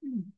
嗯，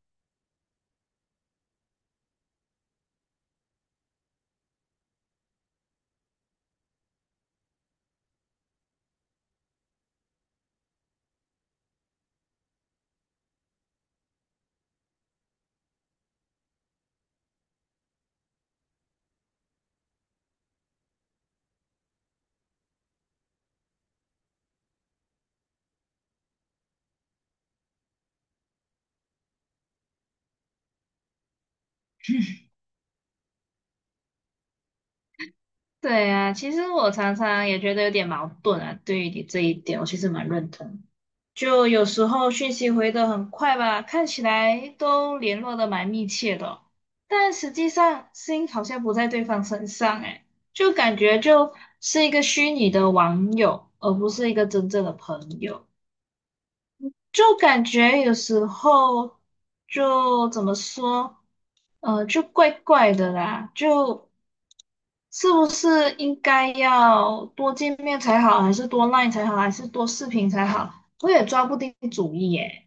对啊，其实我常常也觉得有点矛盾啊，对于你这一点，我其实蛮认同。就有时候讯息回得很快吧，看起来都联络得蛮密切的哦但实际上心好像不在对方身上，诶，就感觉就是一个虚拟的网友，而不是一个真正的朋友。就感觉有时候就怎么说，就怪怪的啦，就。是不是应该要多见面才好，还是多 LINE 才好，还是多视频才好？我也抓不定主意耶。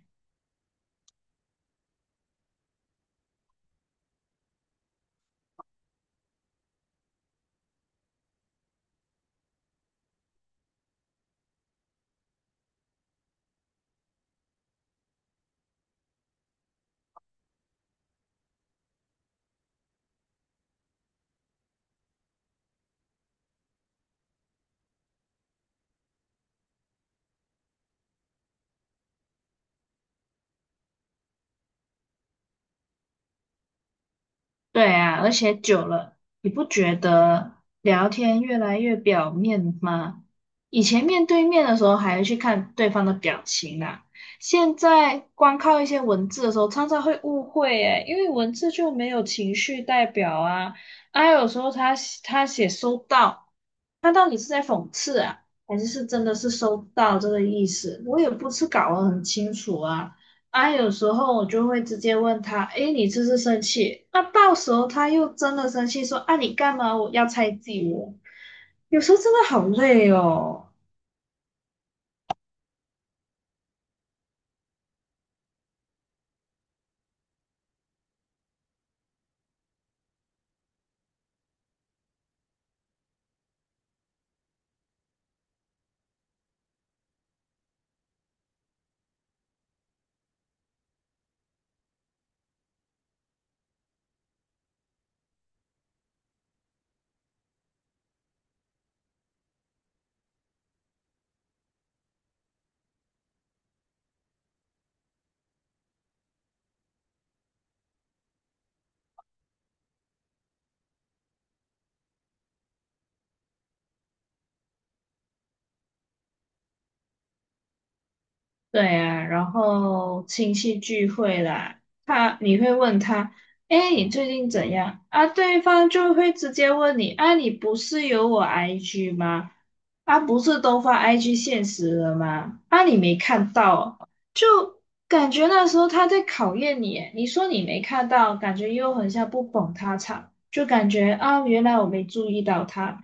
对啊，而且久了，你不觉得聊天越来越表面吗？以前面对面的时候还要去看对方的表情啦，现在光靠一些文字的时候，常常会误会耶，因为文字就没有情绪代表啊。啊，有时候他写收到。他到底是在讽刺啊，还是是真的是收到这个意思？我也不是搞得很清楚啊。啊，有时候我就会直接问他，诶，你这是生气？那到时候他又真的生气说，啊，你干嘛我要猜忌我？有时候真的好累哦。对啊，然后亲戚聚会啦，他你会问他，哎，你最近怎样啊？对方就会直接问你，啊，你不是有我 IG 吗？啊，不是都发 IG 现实了吗？啊，你没看到感觉那时候他在考验你耶你说你没看到，感觉又很像不捧他场，就感觉啊，原来我没注意到他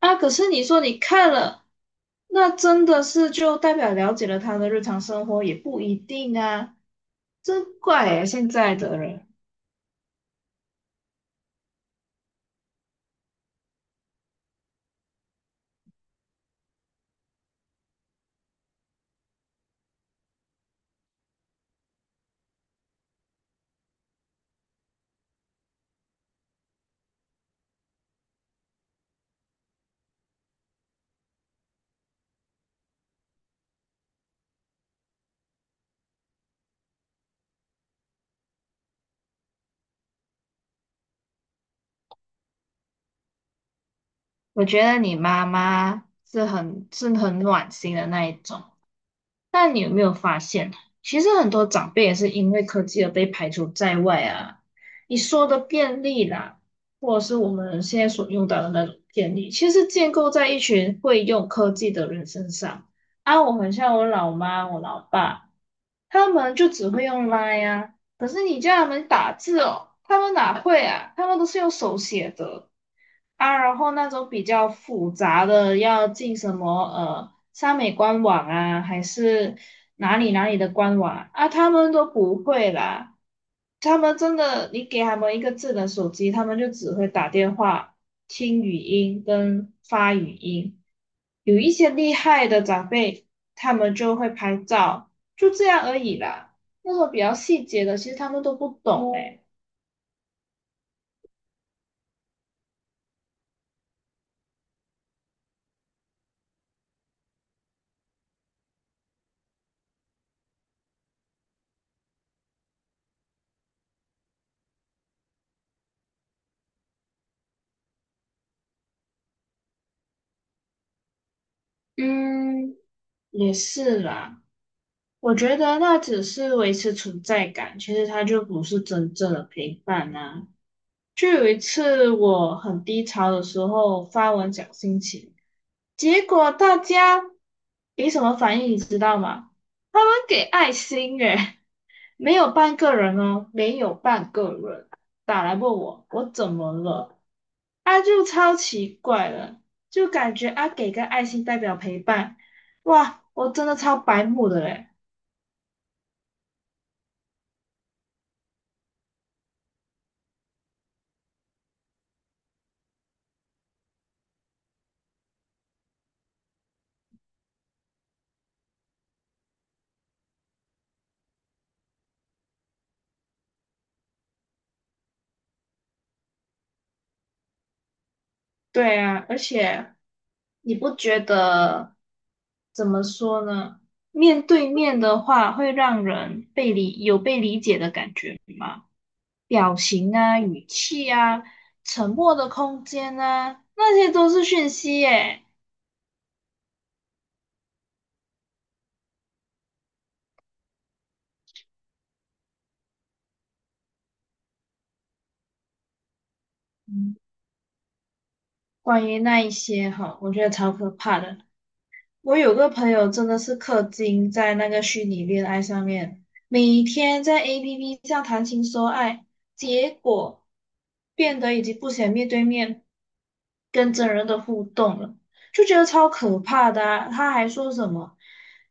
啊。可是你说你看了，那真的是就代表了解了他的日常生活，也不一定啊。真怪耶，现在的人，我觉得你妈妈是很是很暖心的那一种。但你有没有发现，其实很多长辈也是因为科技而被排除在外啊？你说的便利啦，或者是我们现在所用到的那种便利，其实建构在一群会用科技的人身上。啊，我很像我老妈、我老爸，他们就只会用 l 呀，可是你叫他们打字哦，他们哪会啊？他们都是用手写的。啊，然后那种比较复杂的，要进什么三美官网啊，还是哪里哪里的官网啊，啊他们都不会啦。他们真的，你给他们一个智能手机，他们就只会打电话、听语音跟发语音。有一些厉害的长辈，他们就会拍照，就这样而已啦。那种比较细节的，其实他们都不懂诶。嗯，也是啦，我觉得那只是维持存在感，其实它就不是真正的陪伴啊。就有一次我很低潮的时候发文讲心情，结果大家给什么反应你知道吗？他们给爱心诶，没有半个人哦，没有半个人打来问我怎么了，啊就超奇怪了，就感觉啊给个爱心代表陪伴，哇，我真的超白目的嘞。对啊，而且你不觉得怎么说呢？面对面的话，会让人被理，有被理解的感觉吗？表情啊、语气啊、沉默的空间啊，那些都是讯息耶。嗯，关于那一些哈，我觉得超可怕的。我有个朋友真的是氪金在那个虚拟恋爱上面，每天在 APP 上谈情说爱，结果变得已经不想面对面跟真人的互动了，就觉得超可怕的啊他还说什么：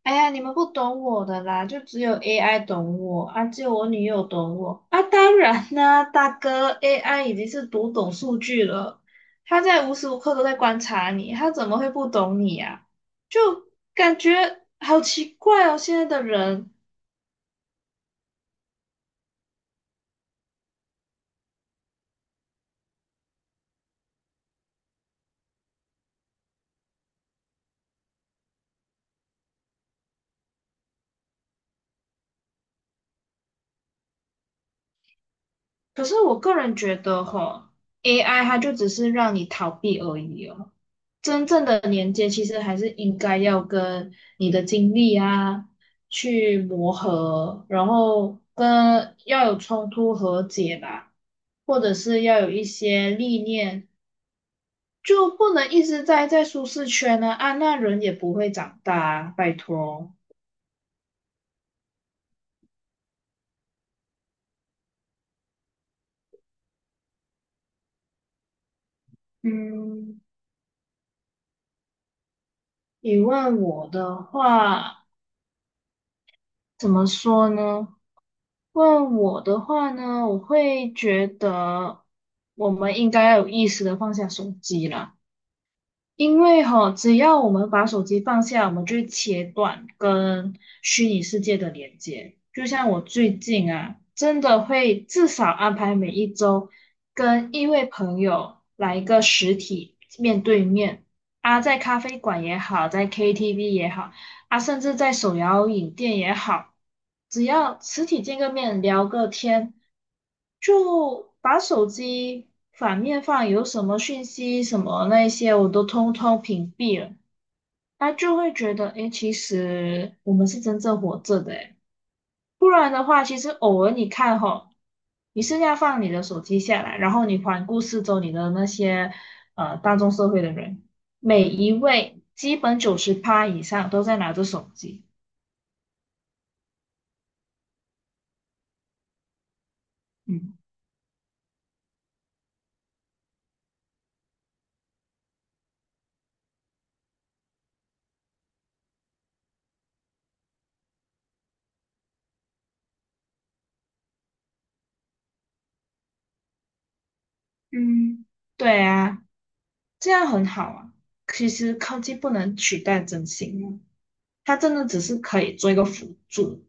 “哎呀，你们不懂我的啦，就只有 AI 懂我啊，只有我女友懂我啊。”当然啦，大哥，AI 已经是读懂数据了，他在无时无刻都在观察你，他怎么会不懂你呀？就感觉好奇怪哦，现在的人。可是我个人觉得吼 AI 它就只是让你逃避而已哦。真正的连接其实还是应该要跟你的经历啊去磨合，然后跟要有冲突和解吧，或者是要有一些历练，就不能一直待在舒适圈呢啊，那人也不会长大啊，拜托。嗯。你问我的话，怎么说呢？问我的话呢，我会觉得我们应该要有意识的放下手机了。因为哈，只要我们把手机放下，我们就会切断跟虚拟世界的连接。就像我最近啊，真的会至少安排每一周跟一位朋友来一个实体面对面啊，在咖啡馆也好，在 KTV 也好，啊，甚至在手摇饮店也好。只要实体见个面聊个天，就把手机反面放，有什么讯息什么那些，我都通通屏蔽了。他就会觉得，诶，其实我们是真正活着的，诶，不然的话，其实偶尔你看吼，你是要放你的手机下来，然后你环顾四周你的那些大众社会的人，每一位基本九十趴以上都在拿着手机，嗯嗯，对啊。这样很好啊。其实科技不能取代真心啊它真的只是可以做一个辅助，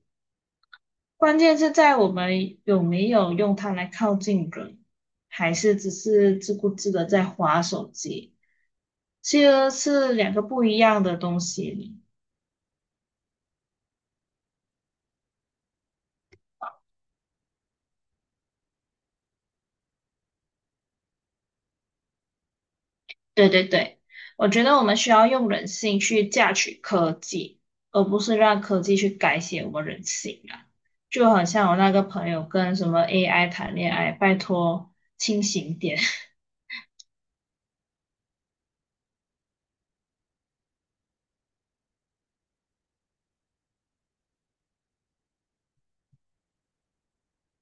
关键是在我们有没有用它来靠近人，还是只是自顾自的在划手机，其实是两个不一样的东西。对对对，我觉得我们需要用人性去榨取科技，而不是让科技去改写我们人性啊。就好像我那个朋友跟什么 AI 谈恋爱，拜托清醒点。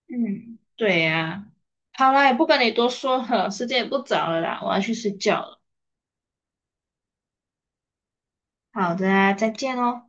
嗯，对呀、好啦，也不跟你多说了，时间也不早了啦，我要去睡觉了。好的啊，再见哦。